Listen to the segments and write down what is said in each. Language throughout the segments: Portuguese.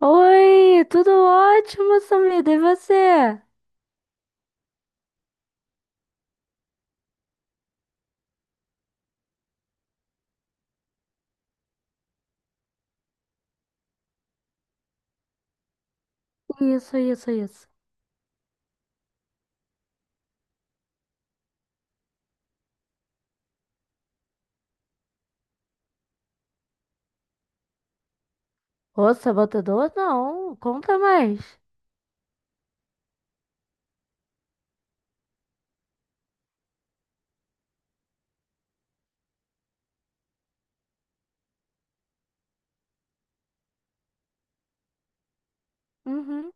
Oi, tudo ótimo, Samida, e você? Isso, isso, isso. Ô, sabotador? Não, conta mais. Uhum.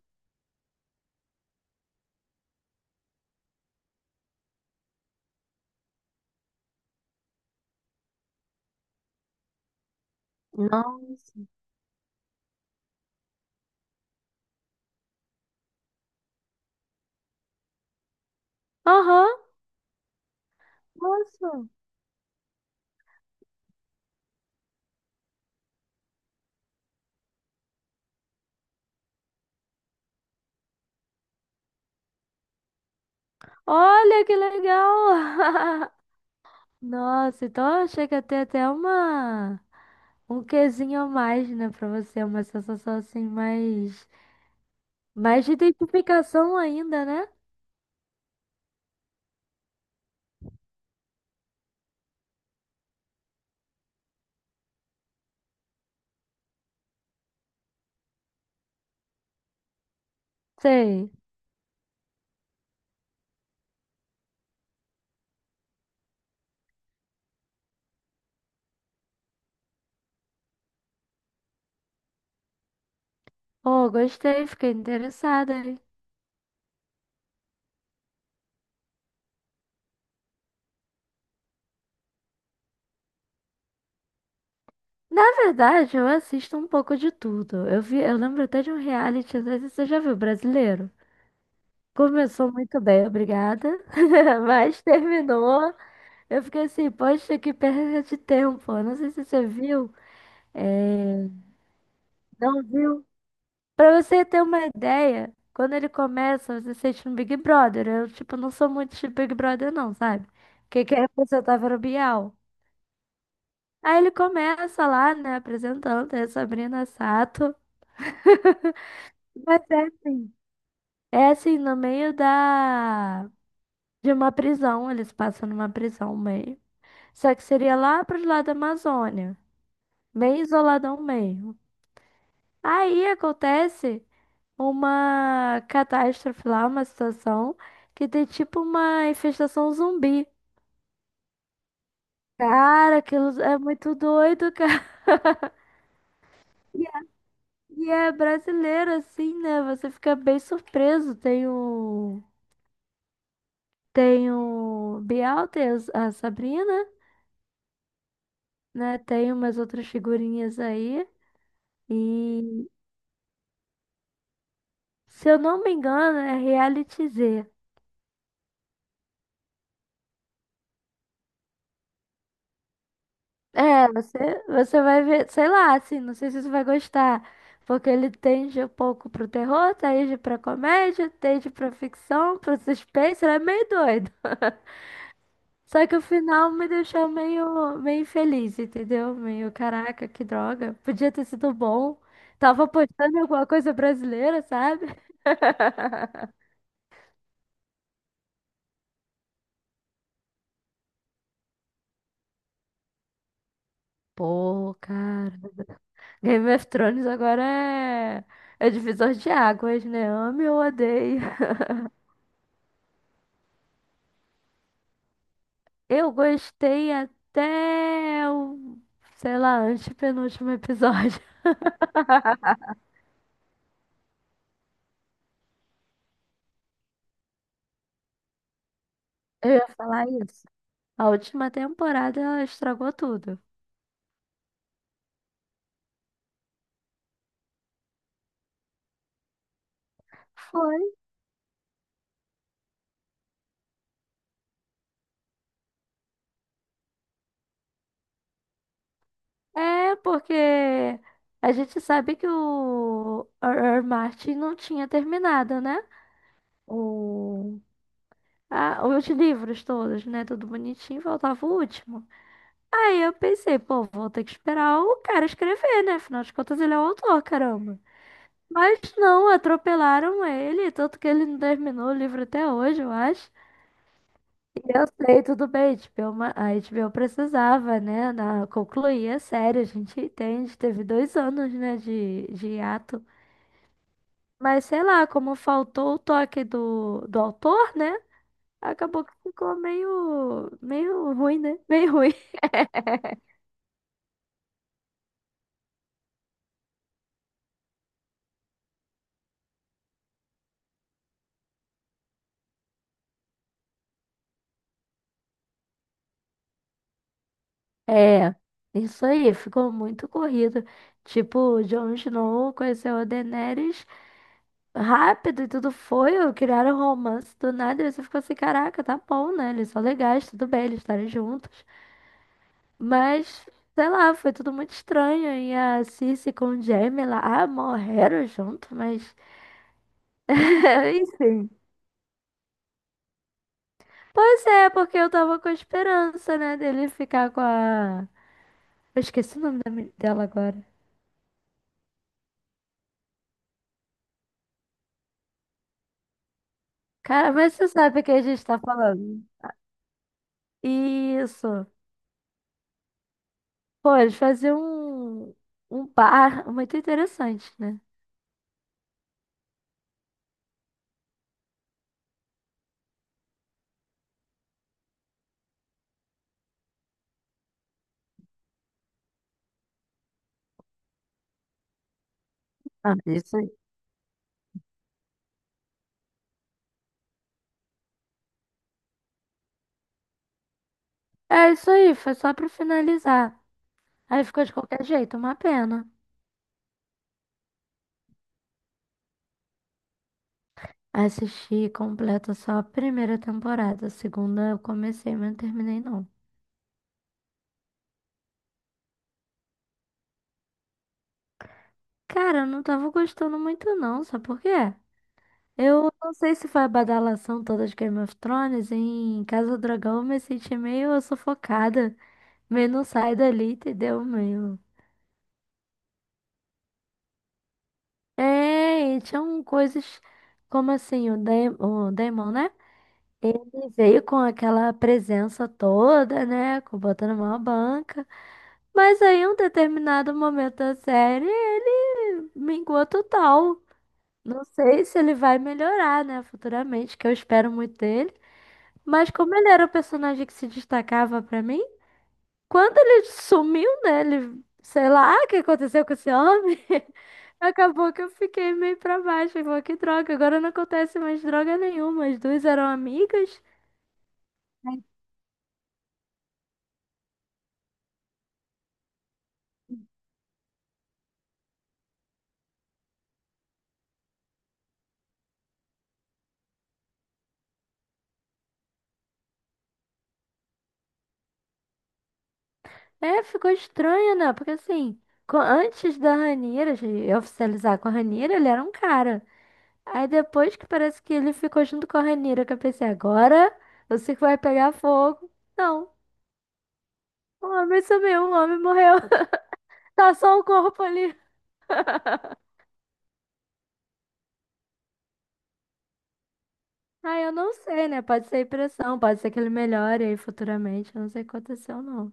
Nossa. Aham, nossa. Olha que legal. Nossa, então chega a ter até uma. Um quezinho a mais, né, pra você. Uma sensação assim, mais. Mais de identificação ainda, né? Sei. Ô, gostei, fiquei interessada. Na verdade, eu assisto um pouco de tudo. Eu vi, eu lembro até de um reality, às vezes você já viu, brasileiro? Começou muito bem, obrigada, mas terminou. Eu fiquei assim, poxa, que perda de tempo. Eu não sei se você viu, é, não viu. Pra você ter uma ideia, quando ele começa, você sente um Big Brother. Eu, tipo, não sou muito de Big Brother, não, sabe? Porque quem representava era o Bial. Aí ele começa lá, né, apresentando, é Sabrina Sato. Mas é assim, no meio da. De uma prisão, eles passam numa prisão meio. Só que seria lá pro lado da Amazônia, bem isoladão meio. Aí acontece uma catástrofe lá, uma situação que tem tipo uma infestação zumbi. Cara, aquilo é muito doido, cara. E é e é brasileiro, assim, né? Você fica bem surpreso. Tem o. Tem o Bial, tem a Sabrina. Né? Tem umas outras figurinhas aí. E se eu não me engano, é Reality Z. É, você vai ver, sei lá, assim, não sei se você vai gostar. Porque ele tende um pouco pro terror, tende pra comédia, tende pra ficção, pro suspense, ele é meio doido. Só que o final me deixou meio, meio infeliz, entendeu? Meio, caraca, que droga. Podia ter sido bom. Tava apostando em alguma coisa brasileira, sabe? Pô, cara. Game of Thrones agora é divisor de águas, né? Ame ou odeio. Eu gostei até o, sei lá, antepenúltimo episódio. Eu ia falar isso. A última temporada ela estragou tudo. Foi. É, porque a gente sabe que o R.R. Martin não tinha terminado, né? O. Ah, os livros todos, né? Tudo bonitinho, faltava o último. Aí eu pensei, pô, vou ter que esperar o cara escrever, né? Afinal de contas, ele é o autor, caramba. Mas não, atropelaram ele, tanto que ele não terminou o livro até hoje, eu acho. E eu sei, tudo bem, HBO, a HBO precisava, né, na, concluir a série, a gente entende, teve 2 anos, né, de hiato. Mas sei lá, como faltou o toque do autor, né, acabou que ficou meio, meio ruim, né? Meio ruim. É, isso aí, ficou muito corrido. Tipo, Jon Snow conheceu a Daenerys rápido e tudo foi, criaram um romance do nada, e você ficou assim, caraca, tá bom, né? Eles são legais, tudo bem, eles estarem juntos. Mas, sei lá, foi tudo muito estranho. E a Cersei com o Jaime lá, ah, morreram junto, mas enfim. Pois é, porque eu tava com a esperança, né, dele ficar com a. Eu esqueci o nome da dela agora. Cara, mas você sabe o que a gente tá falando. Isso. Pô, eles faziam um, um bar muito interessante, né? Ah, isso aí. É isso aí, foi só pra finalizar. Aí ficou de qualquer jeito, uma pena. Assisti completa só a primeira temporada. A segunda eu comecei, mas não terminei não. Cara, eu não tava gostando muito não, sabe por quê? Eu não sei se foi a badalação toda de Game of Thrones. Em Casa do Dragão eu me senti meio sufocada. Meio não sai dali, entendeu? Meio. É, e tinham coisas como assim, o Daemon, né? Ele veio com aquela presença toda, né? Botando uma banca. Mas aí, em um determinado momento da série, ele minguou total. Não sei se ele vai melhorar, né? Futuramente, que eu espero muito dele. Mas como ele era o personagem que se destacava pra mim, quando ele sumiu, né? Ele, sei lá, o que aconteceu com esse homem? Acabou que eu fiquei meio pra baixo. Falei, que droga, agora não acontece mais droga nenhuma. As duas eram amigas. É, ficou estranho, né? Porque assim, antes da Ranira, de oficializar com a Ranira, ele era um cara. Aí depois que parece que ele ficou junto com a Ranira, que eu pensei, agora eu sei que vai pegar fogo. Não, o homem sumiu, o homem morreu. Tá só o corpo ali. Ah, eu não sei, né? Pode ser impressão, pode ser que ele melhore aí futuramente. Eu não sei o que aconteceu, não.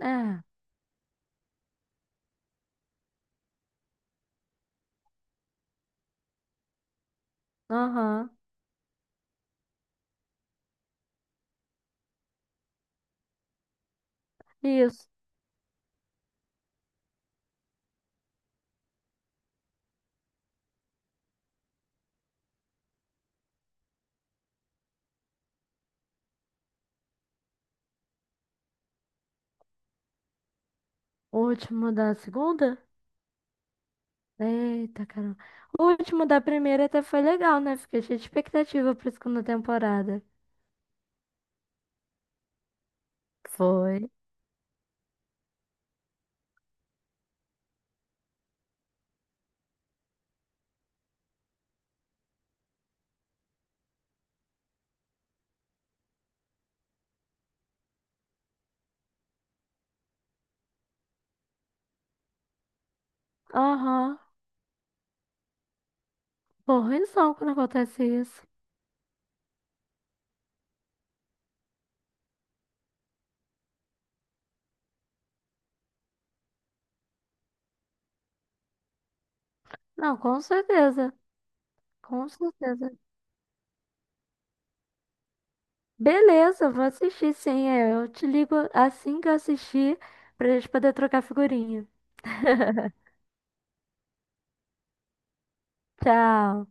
É, aham. Isso. O último da segunda? Eita, caramba. O último da primeira até foi legal, né? Fiquei cheia de expectativa pra segunda temporada. Foi. Aham. Porra, ruimzão quando acontece isso. Não, com certeza. Com certeza. Beleza, vou assistir sim. É, eu te ligo assim que eu assistir pra gente poder trocar figurinha. Tchau.